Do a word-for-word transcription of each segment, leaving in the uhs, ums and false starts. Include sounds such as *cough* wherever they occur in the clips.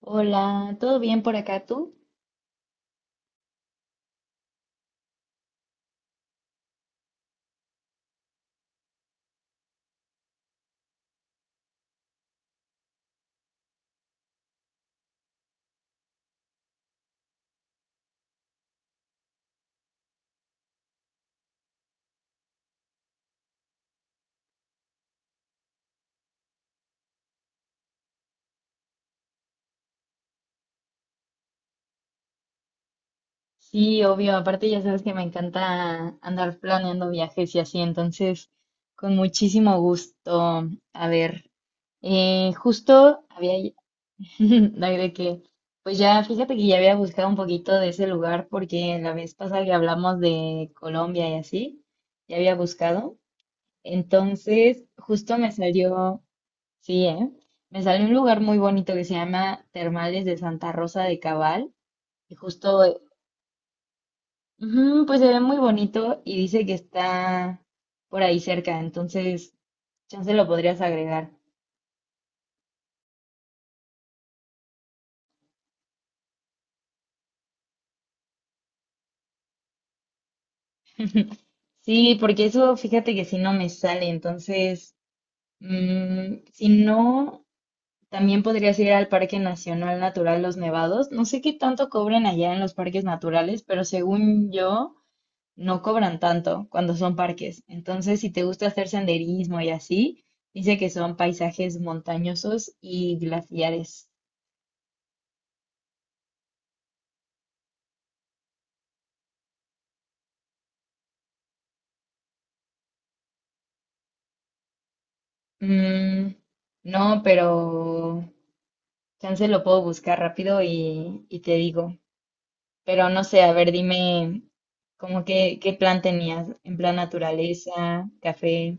Hola, ¿todo bien por acá tú? Sí, obvio, aparte ya sabes que me encanta andar planeando viajes y así, entonces con muchísimo gusto. A ver, eh, justo había, *laughs* ay, de qué. Pues ya fíjate que ya había buscado un poquito de ese lugar porque la vez pasada que hablamos de Colombia y así, ya había buscado. Entonces, justo me salió, sí, ¿eh? Me salió un lugar muy bonito que se llama Termales de Santa Rosa de Cabal. Y justo ujú, pues se ve muy bonito y dice que está por ahí cerca, entonces chance lo podrías agregar. *laughs* Sí, porque eso fíjate que si no me sale, entonces mm, si no, también podrías ir al Parque Nacional Natural Los Nevados. No sé qué tanto cobren allá en los parques naturales, pero según yo, no cobran tanto cuando son parques. Entonces, si te gusta hacer senderismo y así, dice que son paisajes montañosos y glaciares. Mm, no, pero chance lo puedo buscar rápido y, y te digo. Pero no sé, a ver, dime, como que, ¿qué plan tenías? ¿En plan naturaleza, café?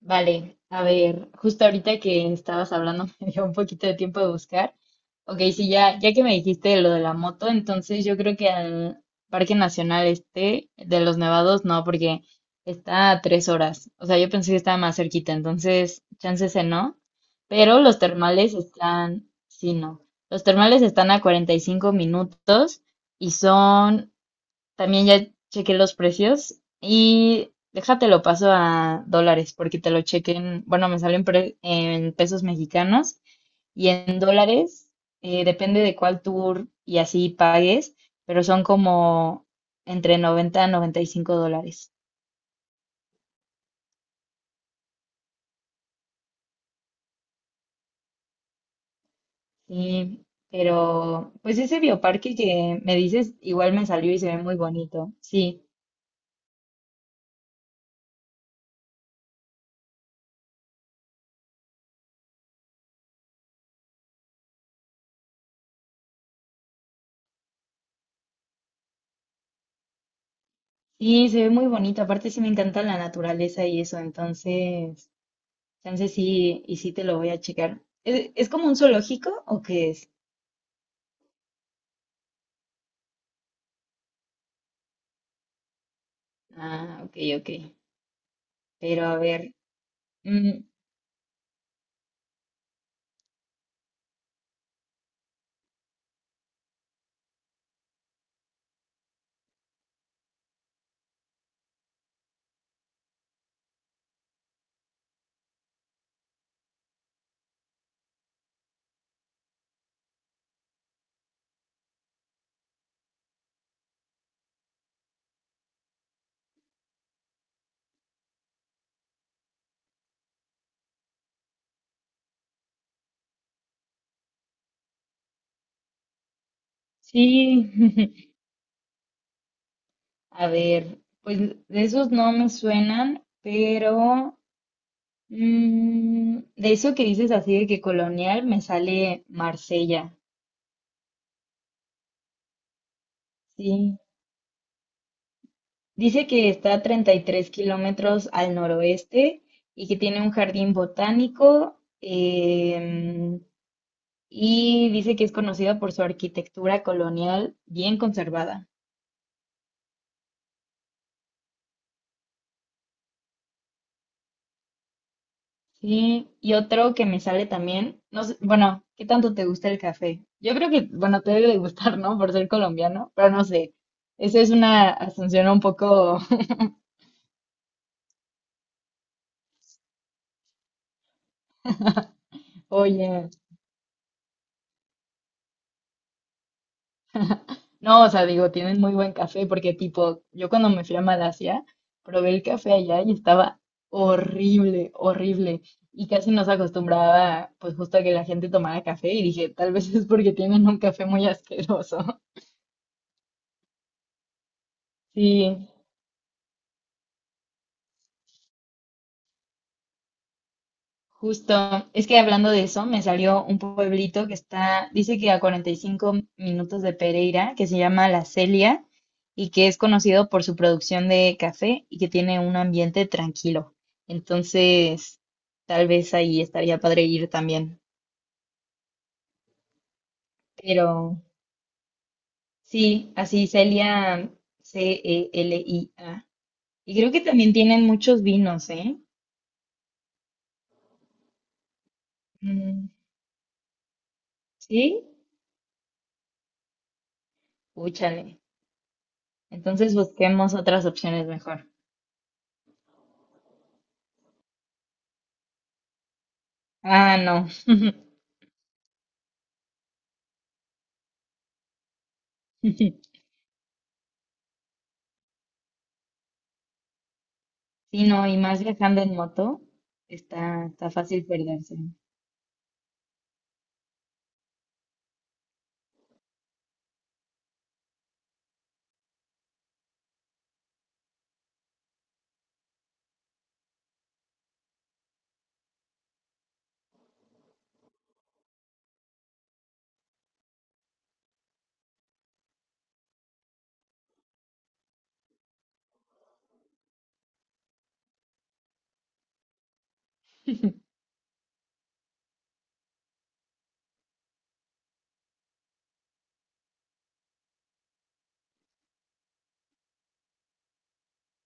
Vale, a ver, justo ahorita que estabas hablando *laughs* me dio un poquito de tiempo de buscar. Ok, sí, ya, ya que me dijiste lo de la moto, entonces yo creo que al Parque Nacional este de los Nevados no, porque está a tres horas. O sea, yo pensé que estaba más cerquita, entonces chance ese no. Pero los termales están, sí, no. Los termales están a cuarenta y cinco minutos y son también ya chequé los precios y déjate lo paso a dólares porque te lo chequen, bueno, me salen pre- en pesos mexicanos y en dólares, eh, depende de cuál tour y así pagues, pero son como entre noventa a noventa y cinco dólares. Sí, pero pues ese bioparque que me dices, igual me salió y se ve muy bonito. Sí, sí, se ve muy bonito. Aparte sí me encanta la naturaleza y eso, entonces Chance sí, y sí te lo voy a checar. ¿Es, es como un zoológico o qué es? Ah, ok, ok. Pero a ver, mm, sí, *laughs* a ver, pues de esos no me suenan, pero mm, de eso que dices así de que colonial me sale Marsella, sí. Dice que está a treinta y tres kilómetros al noroeste y que tiene un jardín botánico. em, y dice que es conocida por su arquitectura colonial bien conservada. Sí, y otro que me sale también, no sé, bueno, ¿qué tanto te gusta el café? Yo creo que, bueno, te debe de gustar, ¿no? Por ser colombiano, pero no sé. Esa es una asunción un poco, *laughs* oye. No, o sea, digo, tienen muy buen café porque tipo, yo cuando me fui a Malasia, probé el café allá y estaba horrible, horrible. Y casi no se acostumbraba, pues justo a que la gente tomara café y dije, tal vez es porque tienen un café muy asqueroso. *laughs* Sí, Justo, es que hablando de eso, me salió un pueblito que está, dice que a cuarenta y cinco minutos de Pereira, que se llama La Celia y que es conocido por su producción de café y que tiene un ambiente tranquilo. Entonces, tal vez ahí estaría padre ir también. Pero sí, así Celia, C E L I A. Y creo que también tienen muchos vinos, ¿eh? Mm, ¿sí? Úchale. Entonces busquemos otras opciones mejor. Ah, no. *laughs* Sí, no, y más viajando en moto, está, está fácil perderse.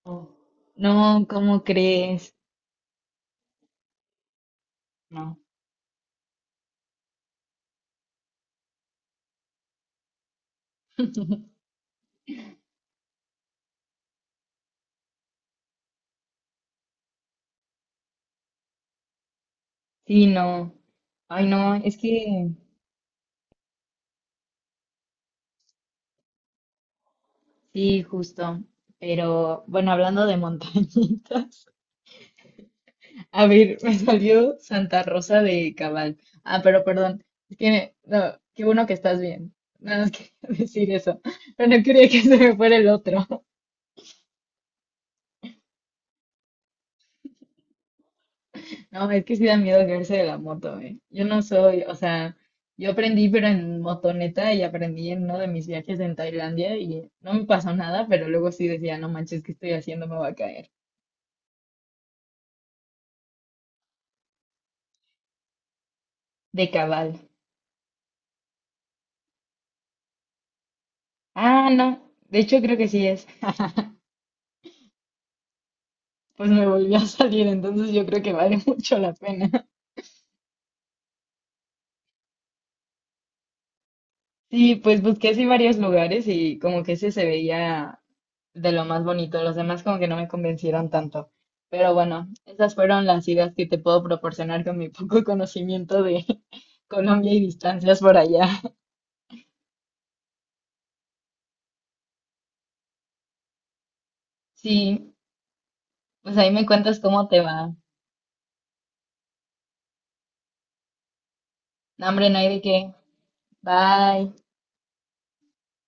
Oh, no, ¿cómo crees? No. *laughs* Sí, no. Ay, no, es que sí, justo. Pero bueno, hablando de montañitas, *laughs* a ver, me salió Santa Rosa de Cabal. Ah, pero perdón, es que me- no, qué bueno que estás bien. Nada más quería *laughs* decir eso, pero no quería que se me fuera el otro. No, es que sí da miedo caerse de la moto, ¿eh? Yo no soy, o sea, yo aprendí, pero en motoneta y aprendí en uno de mis viajes en Tailandia y no me pasó nada, pero luego sí decía, no manches, ¿qué estoy haciendo? Me voy a caer. De cabal. Ah, no, de hecho creo que sí es. *laughs* Pues me volvió a salir, entonces yo creo que vale *laughs* mucho la pena. Sí, pues busqué así varios lugares y como que ese se veía de lo más bonito. Los demás como que no me convencieron tanto. Pero bueno, esas fueron las ideas que te puedo proporcionar con mi *laughs* poco conocimiento de *laughs* Colombia y distancias por allá. *laughs* Sí, pues ahí me cuentas cómo te va. No, hombre, no hay de qué. Bye.